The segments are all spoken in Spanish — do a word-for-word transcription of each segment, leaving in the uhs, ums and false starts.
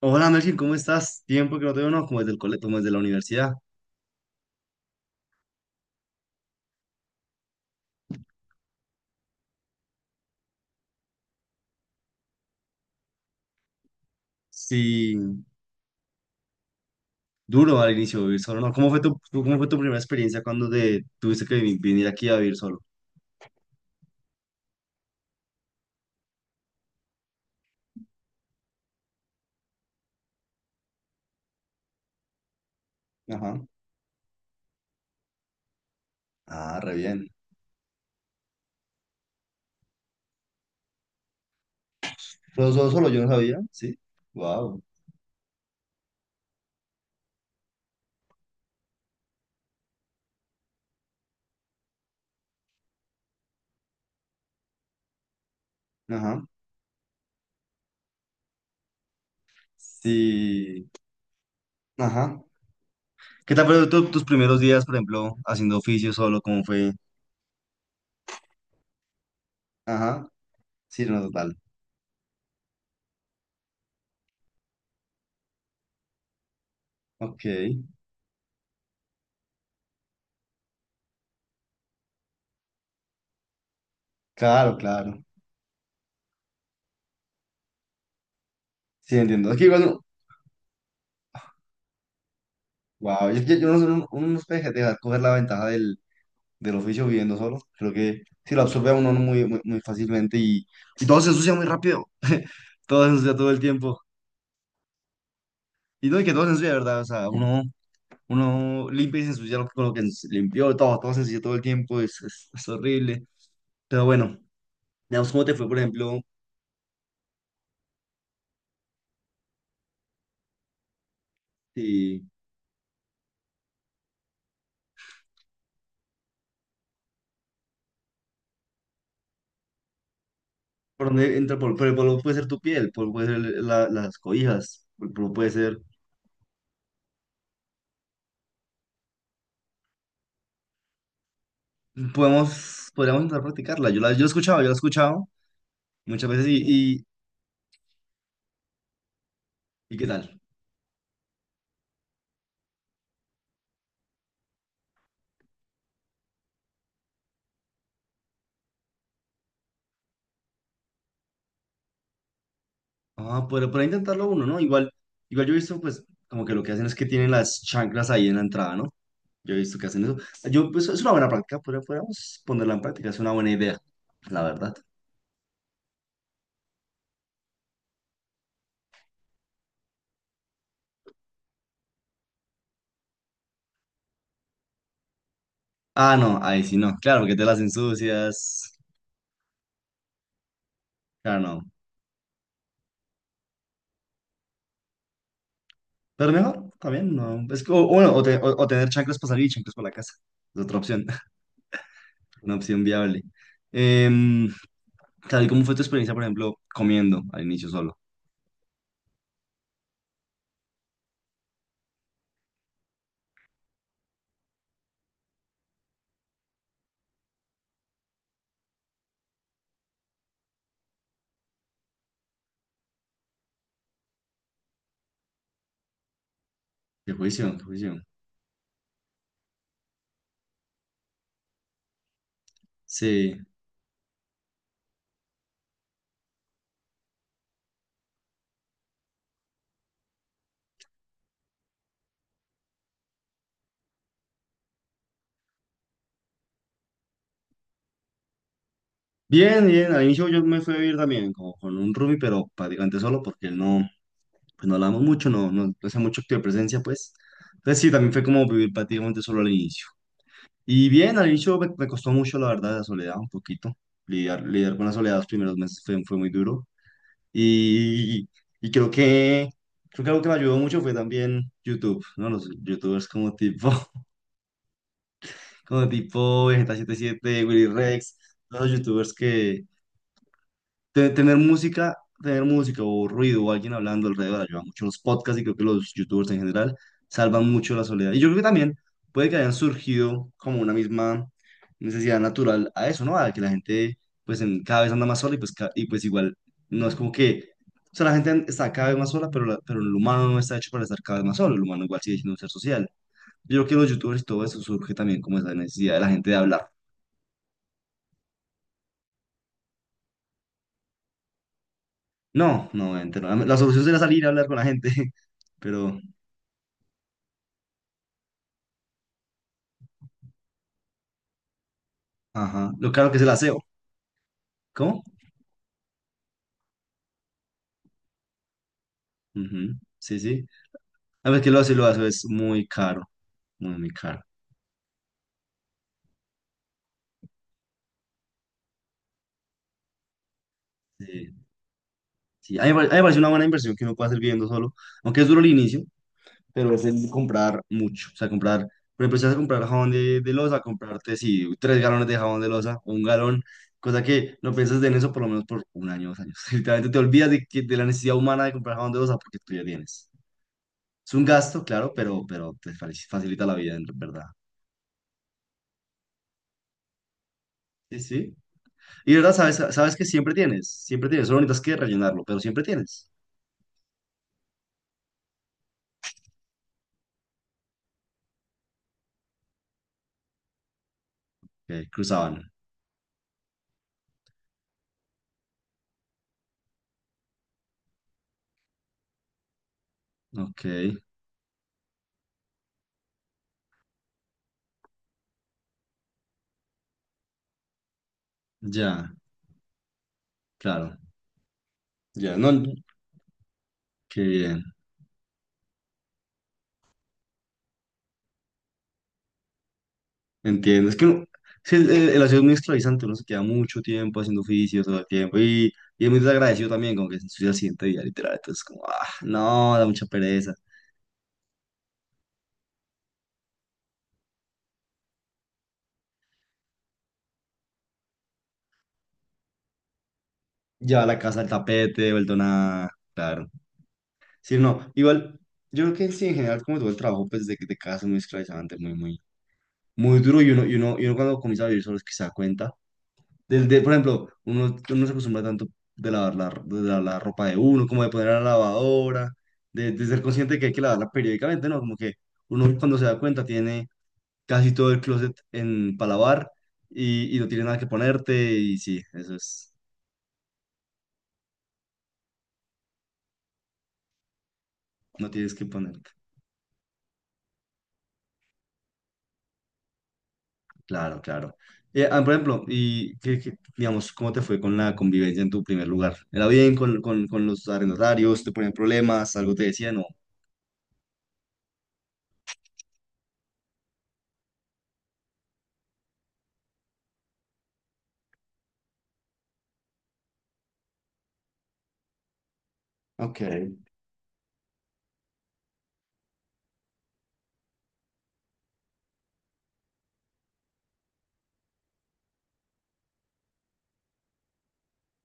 Hola Melkin, ¿cómo estás? Tiempo que no te veo, no, como desde el colegio, como desde la universidad. Sí, duro al inicio vivir solo, ¿no? ¿Cómo fue tu, tu- cómo fue tu primera experiencia cuando te tuviste que vi- venir aquí a vivir solo? Ajá. Ah, re bien. ¿Pero solo, solo yo no sabía? Sí. Wow. Ajá. Sí. Ajá. ¿Qué tal fueron tu- tus primeros días, por ejemplo, haciendo oficio solo? ¿Cómo fue? Ajá. Sí, no, total. Ok. Claro, claro. Sí, entiendo. Es que igual, wow, yo, yo, yo no sé, uno uno no puede dejar coger la ventaja del del oficio viviendo solo. Creo que sí lo absorbe a uno no muy, muy, muy fácilmente y, y todo se ensucia muy rápido. Todo se ensucia todo el tiempo. Y no, y que todo se ensucia, ¿de verdad? O sea, uno, uno limpia y se ensucia lo con lo que ens- limpió, todo, todo se ensucia todo el tiempo, es, es, es horrible. Pero bueno, digamos, ¿cómo te fue, por ejemplo, si, por dónde entra el polvo? Pero el polvo puede ser tu piel, el polvo puede ser la- las cobijas, el polvo puede ser... Podemos, podríamos intentar practicarla. Yo la, yo la he escuchado, yo la he escuchado muchas veces y, y, ¿y qué tal? Ah, pero para intentarlo uno, ¿no? Igual, igual yo he visto, pues, como que lo que hacen es que tienen las chanclas ahí en la entrada, ¿no? Yo he visto que hacen eso. Yo, pues, es una buena práctica, pero podríamos ponerla en práctica, es una buena idea, la verdad. Ah, no, ahí sí no, claro, porque te las ensucias, claro, no. Pero mejor, también, no. Es que, o, o bueno, o, te- o- o tener chanclas para salir y chanclas para la casa, es otra opción, una opción viable. Em, claro, ¿y cómo fue tu experiencia, por ejemplo, comiendo al inicio solo? Qué juicio, qué juicio. Sí. Bien, bien, al inicio yo me fui a vivir también como con un roomie, pero prácticamente solo porque él no, pues no hablamos mucho, no, no, no hacía mucho acto de presencia, pues. Entonces sí, también fue como vivir prácticamente solo al inicio. Y bien, al inicio me, me costó mucho, la verdad, la soledad, un poquito. Lidiar, lidiar con la soledad los primeros meses fue, fue muy duro. Y, y creo que, creo que algo que me ayudó mucho fue también YouTube, ¿no? Los youtubers como tipo, como tipo vegeta setenta y siete, Willy Rex, todos los youtubers que te- tener música, tener música o ruido o alguien hablando alrededor ayuda mucho. Los podcasts y creo que los youtubers en general salvan mucho la soledad. Y yo creo que también puede que hayan surgido como una misma necesidad natural a eso, ¿no? A que la gente pues en, cada vez anda más sola y pues, ca- y pues igual no es como que... O sea, la gente está cada vez más sola, pero, la- pero el humano no está hecho para estar cada vez más solo. El humano igual sigue siendo un ser social. Yo creo que los youtubers y todo eso surge también como esa necesidad de la gente de hablar. No, no, obviamente no. La solución sería salir a hablar con la gente, pero... Ajá. Lo caro que es el aseo. ¿Cómo? Ujú, sí, sí. A ver que lo hace, lo hace, es muy caro, muy, muy caro. Sí, sí. A mí, me pare- a mí me parece una buena inversión que uno puede hacer viviendo solo, aunque es duro el inicio, pero es el comprar mucho. O sea, comprar, por ejemplo, si vas a comprar jabón de, de loza, comprarte, sí, tres galones de jabón de loza o un galón, cosa que no piensas en eso por lo menos por un año, dos años. Literalmente te olvidas de, que- de la necesidad humana de comprar jabón de loza porque tú ya tienes. Es un gasto, claro, pero, pero te fa- facilita la vida, en verdad. Sí, sí. Y de verdad, sabes, sabes que siempre tienes, siempre tienes, solo necesitas que rellenarlo, pero siempre tienes. Ok, cruzaban. Ok, ya, claro, ya, no, qué bien, entiendo. Es que uno- sí, el, el, el aseo es muy esclavizante, uno se queda mucho tiempo haciendo oficio todo el tiempo y, y es muy desagradecido también, como que se ensucia el siguiente día, literal. Entonces, como, ah, no, da mucha pereza. Lleva la casa al tapete, vuelto nada, claro. Sí, no, igual, yo creo que sí, en general, como todo el trabajo, pues de, de casa es muy esclavizante, muy, muy. Muy duro y uno, y uno, y uno cuando comienza a vivir solo es que se da cuenta. Del, de, por ejemplo, uno, uno se acostumbra tanto de lavar la, de lavar la ropa de uno, como de poner a la lavadora, de, de ser consciente que hay que lavarla periódicamente, ¿no? Como que uno cuando se da cuenta tiene casi todo el closet en para lavar y, y no tienes nada que ponerte y sí, eso es, no tienes que ponerte. Claro, claro. Eh, ah, por ejemplo, y qué- qué, digamos, ¿cómo te fue con la convivencia en tu primer lugar? ¿Era bien con, con, con los arrendatarios? ¿Te ponían problemas? ¿Algo te decían? No. Ok,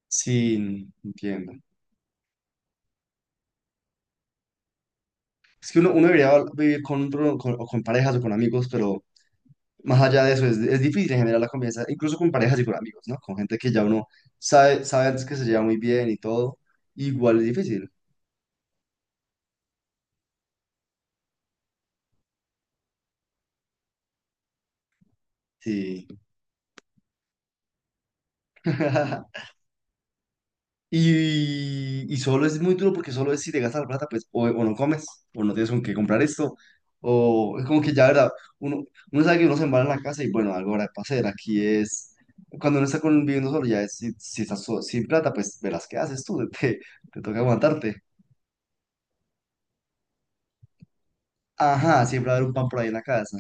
sí, entiendo. Es que uno, uno debería vivir con, pro- con, o con parejas o con amigos, pero más allá de eso es, es difícil en general la convivencia, incluso con parejas y con amigos, ¿no? Con gente que ya uno sabe, sabe antes que se lleva muy bien y todo, igual es difícil. Sí. Y, y solo es muy duro porque solo es si te gastas la plata, pues o, o no comes, o no tienes con qué comprar esto, o es como que ya, ¿verdad? Uno, uno sabe que uno se embala en la casa y bueno, algo habrá que hacer. Aquí es, cuando uno está con, viviendo solo, ya es, si, si estás so- sin plata, pues verás qué haces tú, te, te toca aguantarte. Ajá, siempre va a haber un pan por ahí en la casa.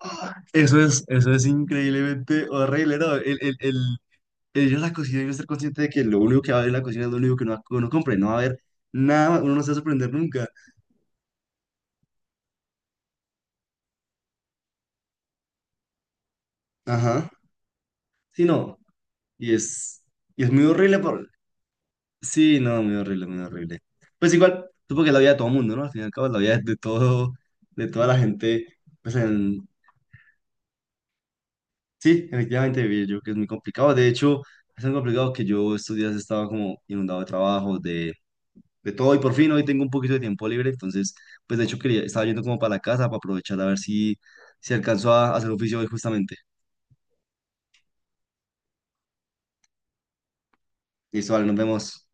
Ah, eso es, eso es increíblemente horrible, ¿no? El, el, el, el ir a la cocina y no ser consciente de que lo único que va a haber en la cocina es lo único que uno, uno compre, no va a haber nada, uno no se va a sorprender nunca. Ajá. Sí, no. Y es, y es muy horrible. Por... Sí, no, muy horrible, muy horrible. Pues igual, supongo que es la vida de todo el mundo, ¿no? Al fin y al cabo, es la vida de todo, de toda la gente. Pues en... sí, efectivamente, vivir yo creo que es muy complicado. De hecho, es tan complicado que yo estos días estaba como inundado de trabajo, de, de todo. Y por fin hoy tengo un poquito de tiempo libre. Entonces, pues de hecho, quería, estaba yendo como para la casa para aprovechar a ver si, si alcanzo a hacer oficio hoy justamente. Listo, vale, nos vemos.